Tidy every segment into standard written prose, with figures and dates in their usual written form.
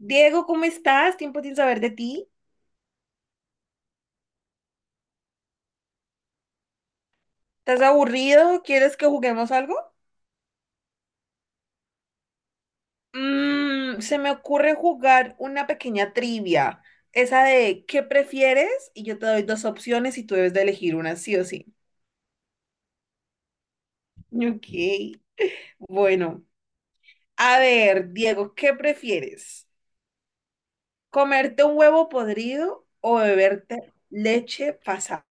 Diego, ¿cómo estás? Tiempo sin saber de ti. ¿Estás aburrido? ¿Quieres que juguemos algo? Se me ocurre jugar una pequeña trivia. Esa de ¿qué prefieres? Y yo te doy dos opciones y tú debes de elegir una, sí o sí. Ok. Bueno, a ver, Diego, ¿qué prefieres? ¿Comerte un huevo podrido o beberte leche pasada?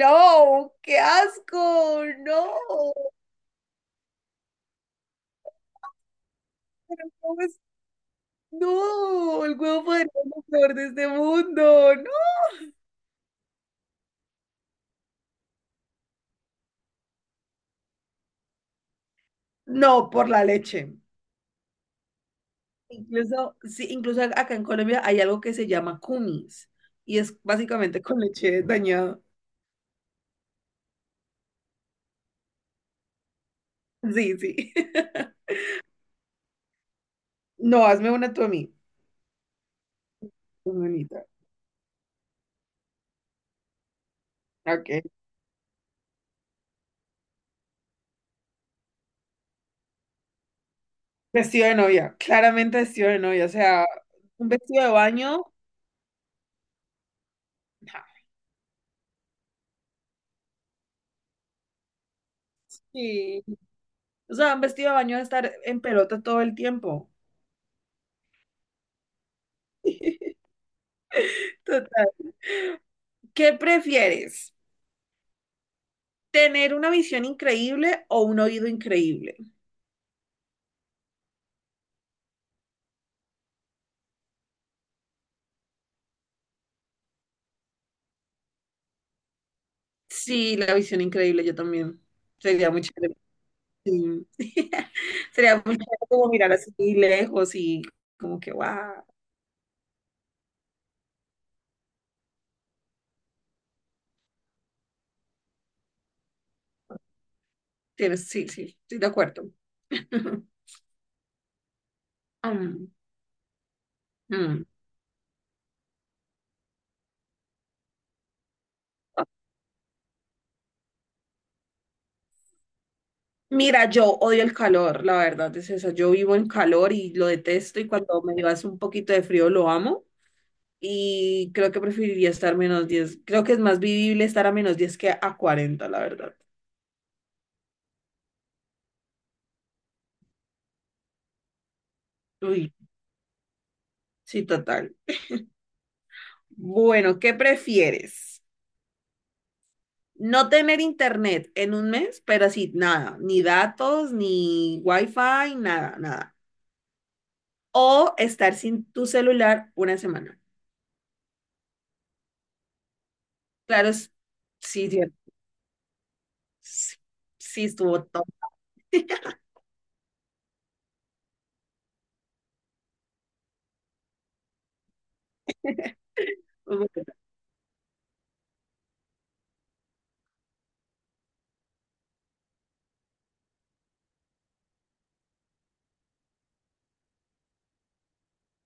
No, qué asco, no. ¿Cómo No, el huevo podría ser lo peor de este mundo. No, no, por la leche. Incluso, sí, incluso acá en Colombia hay algo que se llama cumis y es básicamente con leche dañada. Sí, sí. No, hazme una tú a mí, hermanita. Ok. Vestido de novia, claramente vestido de novia, o sea, un vestido de baño. Ja. Sí. O sea, un vestido de baño de estar en pelota todo el tiempo. Total. ¿Qué prefieres? Tener una visión increíble o un oído increíble. Sí, la visión increíble, yo también. Sería muy chévere. Sí. Sería muy chévere como mirar así lejos y como que, wow, tienes, sí, sí, estoy de acuerdo. Mm, mm. Mira, yo odio el calor, la verdad es esa. Yo vivo en calor y lo detesto, y cuando me hace un poquito de frío lo amo, y creo que preferiría estar -10. Creo que es más vivible estar a -10 que a 40, la verdad. Uy, sí, total. Bueno, ¿qué prefieres? No tener internet en un mes, pero así, nada, ni datos, ni wifi, nada, nada. O estar sin tu celular una semana. Claro, sí, sí, sí, sí, estuvo top. Bueno,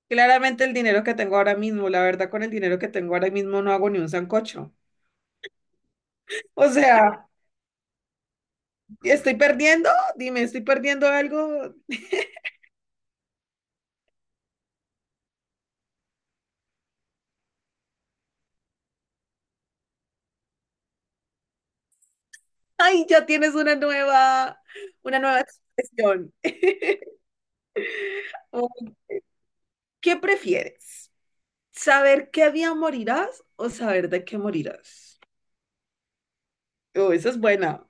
claramente el dinero que tengo ahora mismo, la verdad, con el dinero que tengo ahora mismo no hago ni un sancocho. O sea, ¿estoy perdiendo? Dime, ¿estoy perdiendo algo? Ay, ya tienes una nueva, expresión. ¿Qué prefieres? ¿Saber qué día morirás o saber de qué morirás? Oh, esa es buena.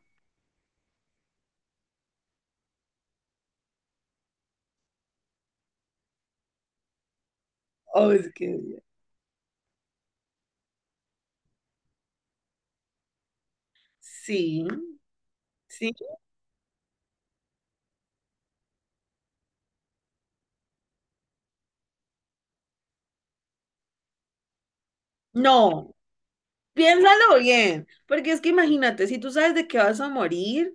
Oh, es que... Sí, sí. No, piénsalo bien, porque es que imagínate, si tú sabes de qué vas a morir,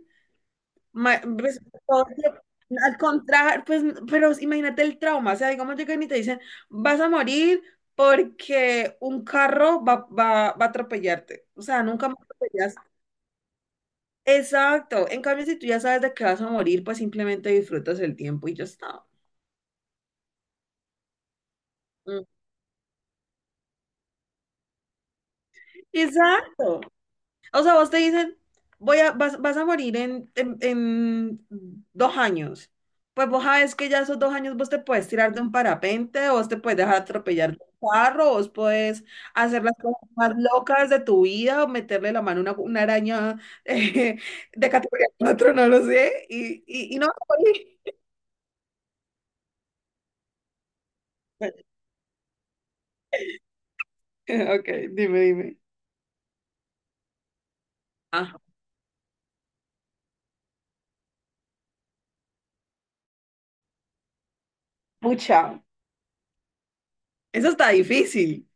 pues, al contrario, pues, pero imagínate el trauma, o sea, digamos llegan y te dicen, vas a morir porque un carro va a atropellarte, o sea, nunca me atropellaste. Exacto. En cambio, si tú ya sabes de qué vas a morir, pues simplemente disfrutas el tiempo y ya está. Mm. Exacto. O sea, vos te dicen, vas a morir en 2 años. Pues vos sabes que ya esos 2 años vos te puedes tirar de un parapente, vos te puedes dejar atropellar de un carro, vos puedes hacer las cosas más locas de tu vida, o meterle la mano a una, araña eh, de categoría 4, no lo sé, y no vas a morir. Ok, dime, dime. Pucha, eso está difícil.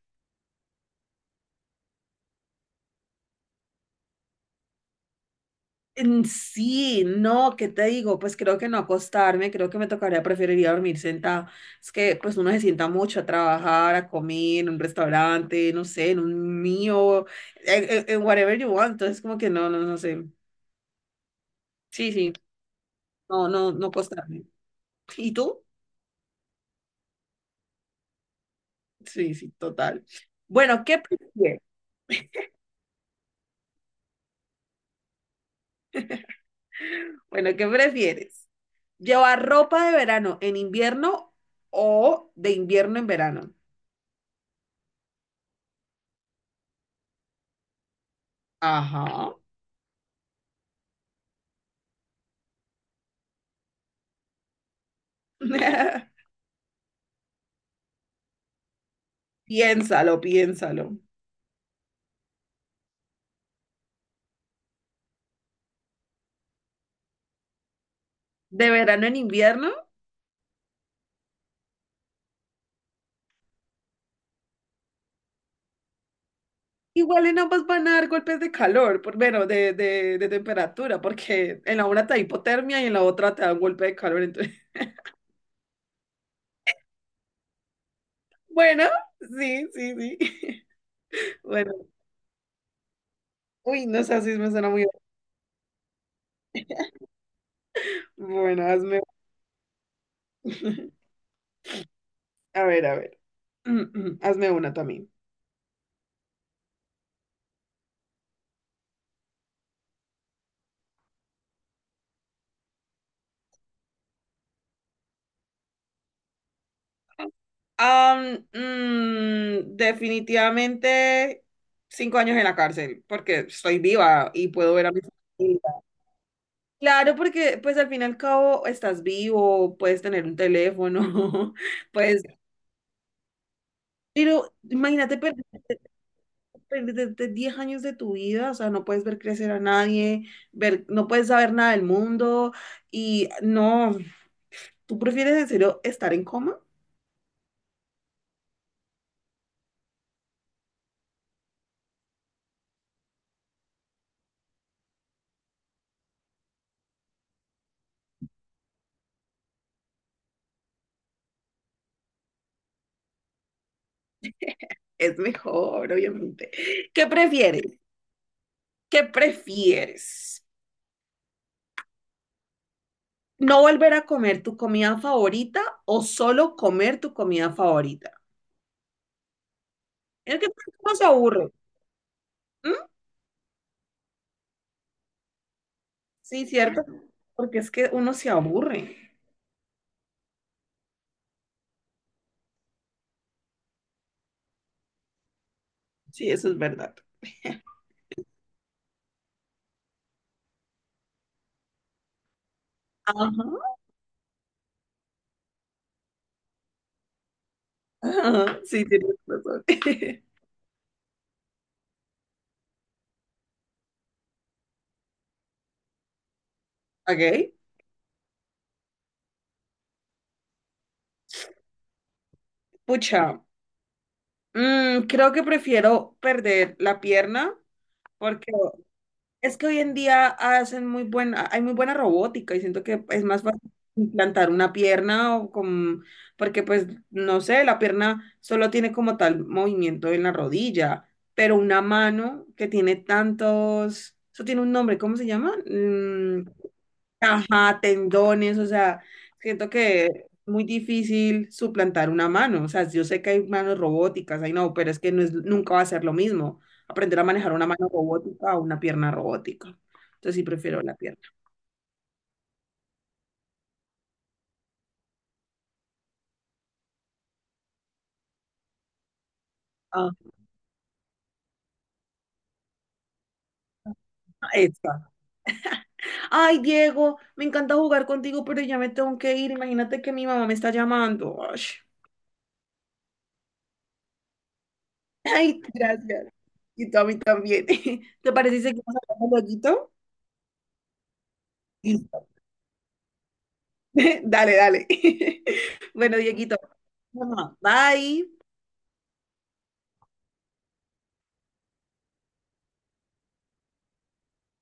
En sí, no, ¿qué te digo? Pues creo que no acostarme, creo que me tocaría, preferiría dormir sentada. Es que pues uno se sienta mucho a trabajar, a comer en un restaurante, no sé, en un mío, en whatever you want. Entonces como que no, no, no sé. Sí, sí, no, no, no acostarme. ¿Y tú? Sí, sí, total. Bueno, ¿qué prefieres? Bueno, ¿qué prefieres? ¿Llevar ropa de verano en invierno o de invierno en verano? Ajá. Piénsalo, piénsalo. ¿De verano en invierno? Igual y no vas van a dar golpes de calor, por, bueno, de temperatura, porque en la una te da hipotermia y en la otra te da un golpe de calor. Entonces... bueno, sí, sí, sí. Bueno, uy, no sé si me suena muy. Bueno, hazme. A ver, a ver. Hazme una también. Definitivamente 5 años en la cárcel, porque estoy viva y puedo ver a mis. Claro, porque pues al fin y al cabo estás vivo, puedes tener un teléfono, puedes... Pero imagínate perderte 10 años de tu vida, o sea, no puedes ver crecer a nadie, ver, no puedes saber nada del mundo y no, ¿tú prefieres en serio estar en coma? Es mejor, obviamente. ¿Qué prefieres? ¿Qué prefieres? ¿No volver a comer tu comida favorita o solo comer tu comida favorita? Es que no se aburre. Sí, cierto, porque es que uno se aburre. Sí, eso es verdad. Ajá. Ajá, sí, tienes razón. Ok, pucha. Creo que prefiero perder la pierna porque... Es que hoy en día hacen muy buena, hay muy buena robótica, y siento que es más fácil implantar una pierna porque pues no sé, la pierna solo tiene como tal movimiento en la rodilla, pero una mano que tiene tantos, eso tiene un nombre, ¿cómo se llama? Mm. Ajá, tendones, o sea, siento que es muy difícil suplantar una mano. O sea, yo sé que hay manos robóticas, ay no, pero es que nunca va a ser lo mismo aprender a manejar una mano robótica o una pierna robótica. Entonces sí prefiero la pierna. Ajá, esa. Ay, Diego, me encanta jugar contigo, pero ya me tengo que ir. Imagínate que mi mamá me está llamando. Ay. Ay, gracias. Y tú a mí también. ¿Te parece si seguimos hablando lueguito? Dale, dale. Bueno, Dieguito, vamos. Bye.